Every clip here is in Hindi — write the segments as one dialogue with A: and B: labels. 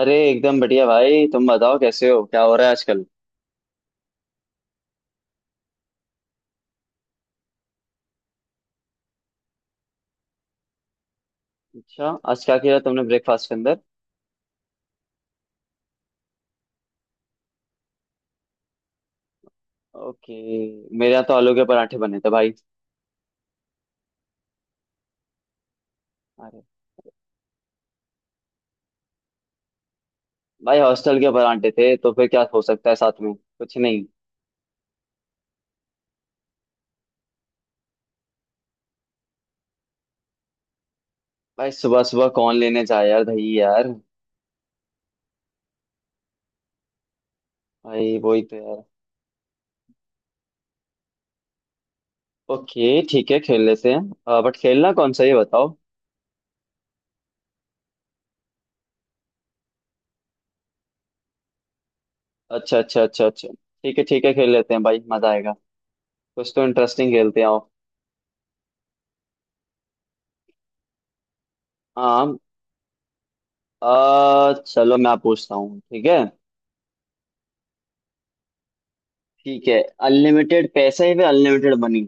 A: अरे एकदम बढ़िया भाई। तुम बताओ कैसे हो, क्या हो रहा है आजकल। अच्छा, आज क्या किया तुमने ब्रेकफास्ट के अंदर। ओके। मेरे यहाँ तो आलू के पराठे बने थे भाई। अरे भाई। हॉस्टल के पराठे थे तो फिर क्या हो सकता है, साथ में कुछ नहीं। भाई सुबह सुबह कौन लेने जाए यार दही यार। भाई वही तो यार। ओके ठीक है, खेल लेते हैं, बट खेलना कौन सा ये बताओ। अच्छा अच्छा अच्छा अच्छा। ठीक है ठीक है, खेल लेते हैं भाई मजा आएगा। कुछ तो इंटरेस्टिंग खेलते हैं आओ। हाँ। चलो मैं पूछता हूँ, ठीक है। ठीक है। अनलिमिटेड पैसा है फिर unlimited money.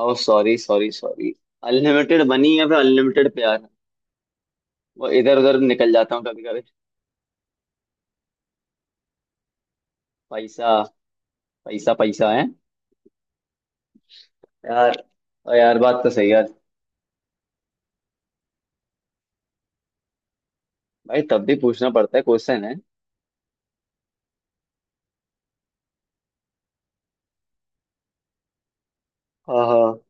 A: Oh sorry sorry sorry. Unlimited money या फिर अनलिमिटेड प्यार। वो इधर उधर निकल जाता हूँ कभी कभी। पैसा। पैसा पैसा है। यार, और यार बात तो सही है यार। भाई तब भी पूछना पड़ता है, क्वेश्चन है। हाँ हाँ।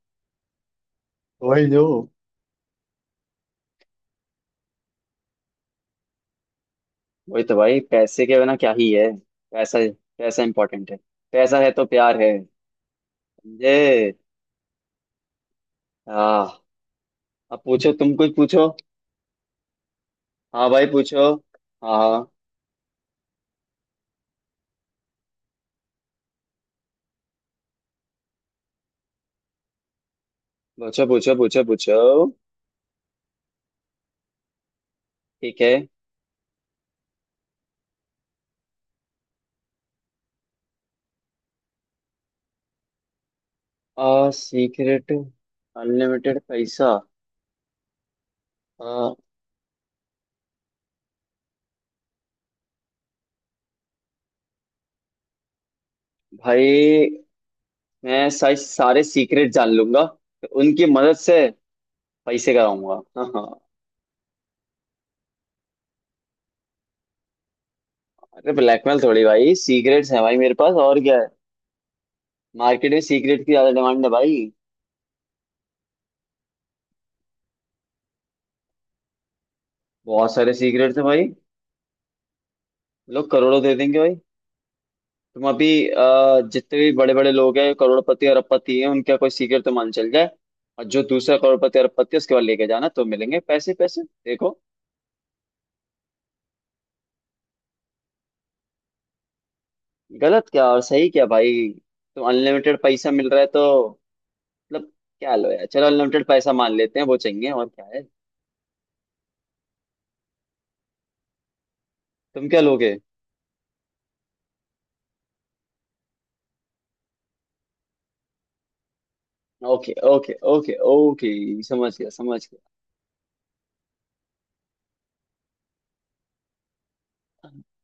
A: वही जो, वही तो भाई पैसे के बिना क्या ही है। पैसा। पैसा इंपॉर्टेंट है। पैसा है तो प्यार है। समझे। हाँ। अब पूछो, तुम कुछ पूछो। हाँ भाई पूछो। हाँ हाँ। पूछो पूछो पूछो पूछो। ठीक है। सीक्रेट, अनलिमिटेड पैसा। आ, भाई मैं सारे सारे सीक्रेट जान लूंगा तो उनकी मदद से पैसे कराऊंगा। हाँ हाँ। अरे ब्लैकमेल थोड़ी भाई, सीक्रेट्स हैं भाई मेरे पास और क्या है। मार्केट में सीक्रेट की ज्यादा डिमांड है भाई। बहुत सारे सीक्रेट्स हैं भाई। लोग करोड़ों दे देंगे भाई। तुम अभी जितने भी बड़े बड़े लोग हैं करोड़पति और अरबपति हैं, उनका कोई सीक्रेट तो मान चल जाए और जो दूसरा करोड़पति अरबपति है उसके बाद लेके जाना तो मिलेंगे पैसे। पैसे देखो। गलत क्या और सही क्या भाई। तो अनलिमिटेड पैसा मिल रहा है तो मतलब, क्या लो यार, चलो अनलिमिटेड पैसा मान लेते हैं, वो चाहिए और क्या है। तुम क्या लोगे। ओके ओके ओके ओके, समझ गया समझ गया।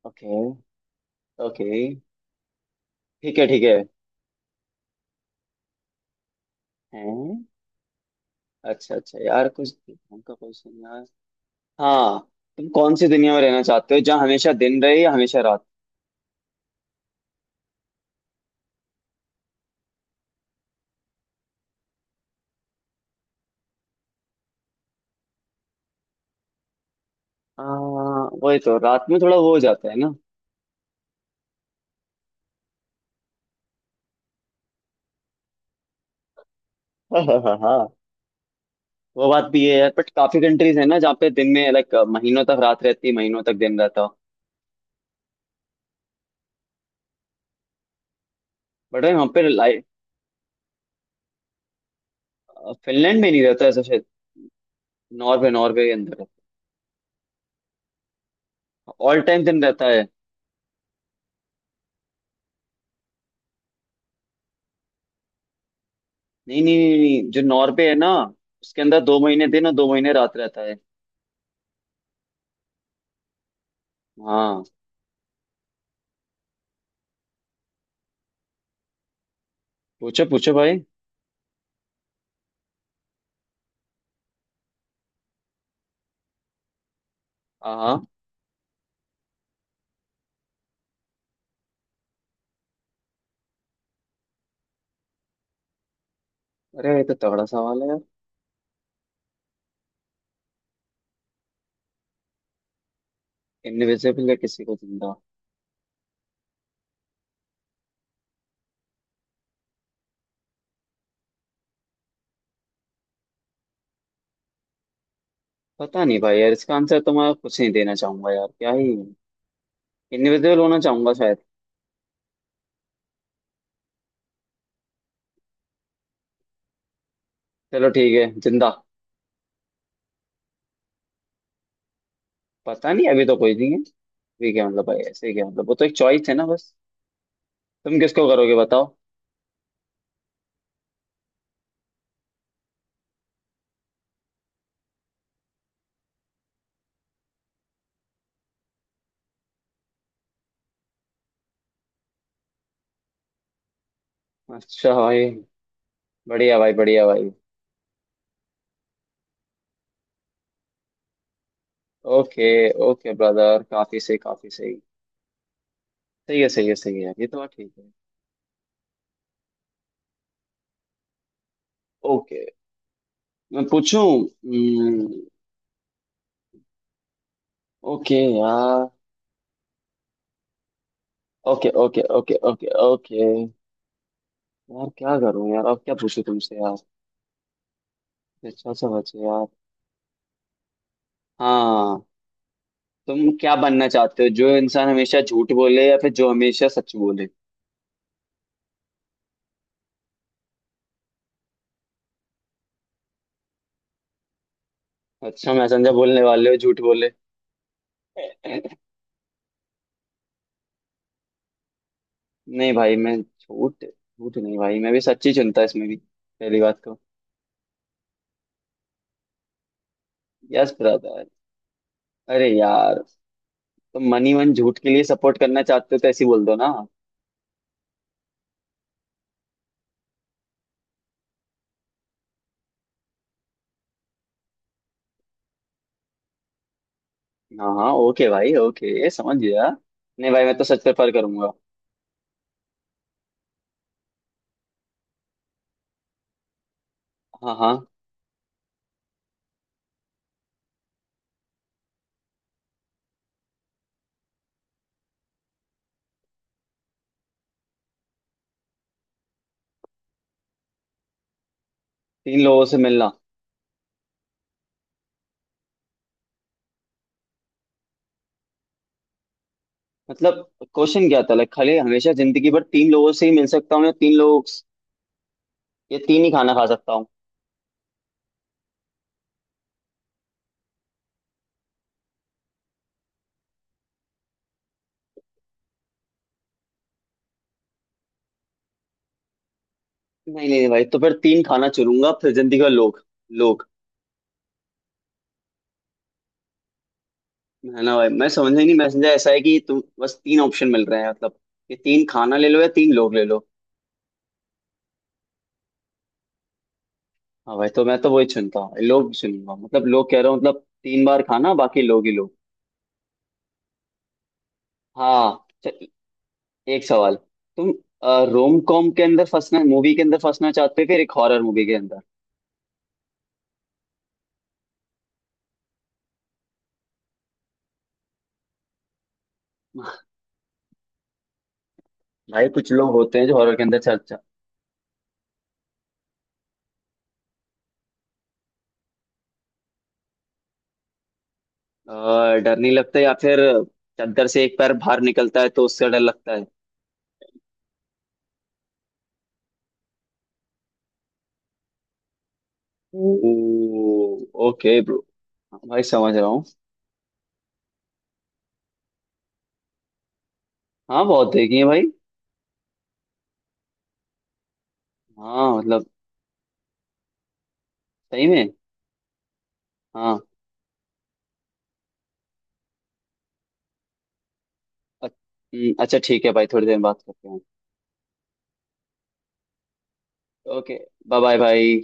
A: Okay okay. ठीक है ठीक है। हैं। अच्छा अच्छा यार, कुछ दिमाग का क्वेश्चन यार। हाँ। तुम कौन सी दुनिया में रहना चाहते हो, जहाँ हमेशा दिन रहे या हमेशा रात। आ, वही तो, रात में थोड़ा वो हो जाता है ना। हाँ हाँ हाँ। वो बात भी है यार, बट काफी कंट्रीज है ना जहाँ पे दिन में लाइक महीनों तक रात रहती, महीनों तक दिन रहता। बट भाई वहाँ पे लाइट। फिनलैंड में नहीं रहता ऐसा शायद। नॉर्वे, नॉर्वे के अंदर ऑल टाइम दिन रहता है। नहीं नहीं नहीं नहीं, जो नॉर्वे है ना उसके अंदर 2 महीने दिन और 2 महीने रात रहता है। हाँ। पूछो पूछो भाई। हाँ हाँ। अरे ये तो तगड़ा सवाल है यार। इनविजिबल है किसी को जिंदा। पता नहीं भाई यार, इसका आंसर तो मैं कुछ नहीं देना चाहूंगा यार, क्या ही। इनविजिबल होना चाहूंगा शायद। चलो ठीक है जिंदा। पता नहीं, अभी तो कोई नहीं है। ये क्या मतलब भाई, ऐसे क्या मतलब, वो तो एक चॉइस है ना बस। तुम किसको करोगे बताओ। अच्छा भाई, बढ़िया भाई बढ़िया भाई। ओके ओके ब्रदर, काफी सही काफी सही। सही है सही है सही है, ये तो बात ठीक है। ओके मैं पूछूं। हम्म, ओके यार। Okay okay okay okay okay. यार क्या करूं यार, अब क्या पूछूं तुमसे यार। अच्छा सा बचे यार। हाँ। तुम क्या बनना चाहते हो, जो इंसान हमेशा झूठ बोले या फिर जो हमेशा सच बोले। अच्छा, मैसेंजर बोलने वाले हो झूठ बोले। नहीं भाई, मैं झूठ झूठ नहीं भाई, मैं भी सच्ची चुनता, इसमें भी पहली बात तो। Yes brother. अरे यार, तुम मनी मन ही मन झूठ के लिए सपोर्ट करना चाहते हो तो ऐसे ही बोल दो ना। हाँ हाँ ओके भाई, ओके समझ गया। नहीं भाई मैं तो सच प्रेफर करूंगा। हाँ हाँ। तीन लोगों से मिलना। मतलब क्वेश्चन क्या था, लाइक खाली हमेशा जिंदगी भर तीन लोगों से ही मिल सकता हूँ, या तीन लोग या तीन ही खाना खा सकता हूँ। नहीं नहीं नहीं भाई तो फिर तीन खाना चुनूंगा, फिर जिंदगी भर लोग। है ना भाई, मैं समझ ही नहीं, मैसेंजर ऐसा है कि तुम बस तीन ऑप्शन मिल रहे हैं, मतलब कि तीन खाना ले लो या तीन लोग ले लो। हाँ भाई, तो मैं तो वही चुनता हूँ, लोग चुनूंगा मतलब, लोग कह रहा हूँ मतलब, 3 बार खाना, बाकी लोग ही लोग। हाँ एक सवाल। तुम रोम कॉम के अंदर फंसना, मूवी के अंदर फंसना चाहते हो फिर एक हॉरर मूवी के अंदर। भाई कुछ लोग होते हैं जो हॉरर के अंदर चर्चा। अ, डर नहीं लगता, या फिर चादर से एक पैर बाहर निकलता है तो उससे डर लगता है। ओके ब्रो, भाई समझ रहा हूँ। हाँ बहुत देखी है भाई। हाँ मतलब। सही में। हाँ। अ- अच्छा ठीक है भाई, थोड़ी देर में बात करते हैं। ओके। बाय बाय भाई।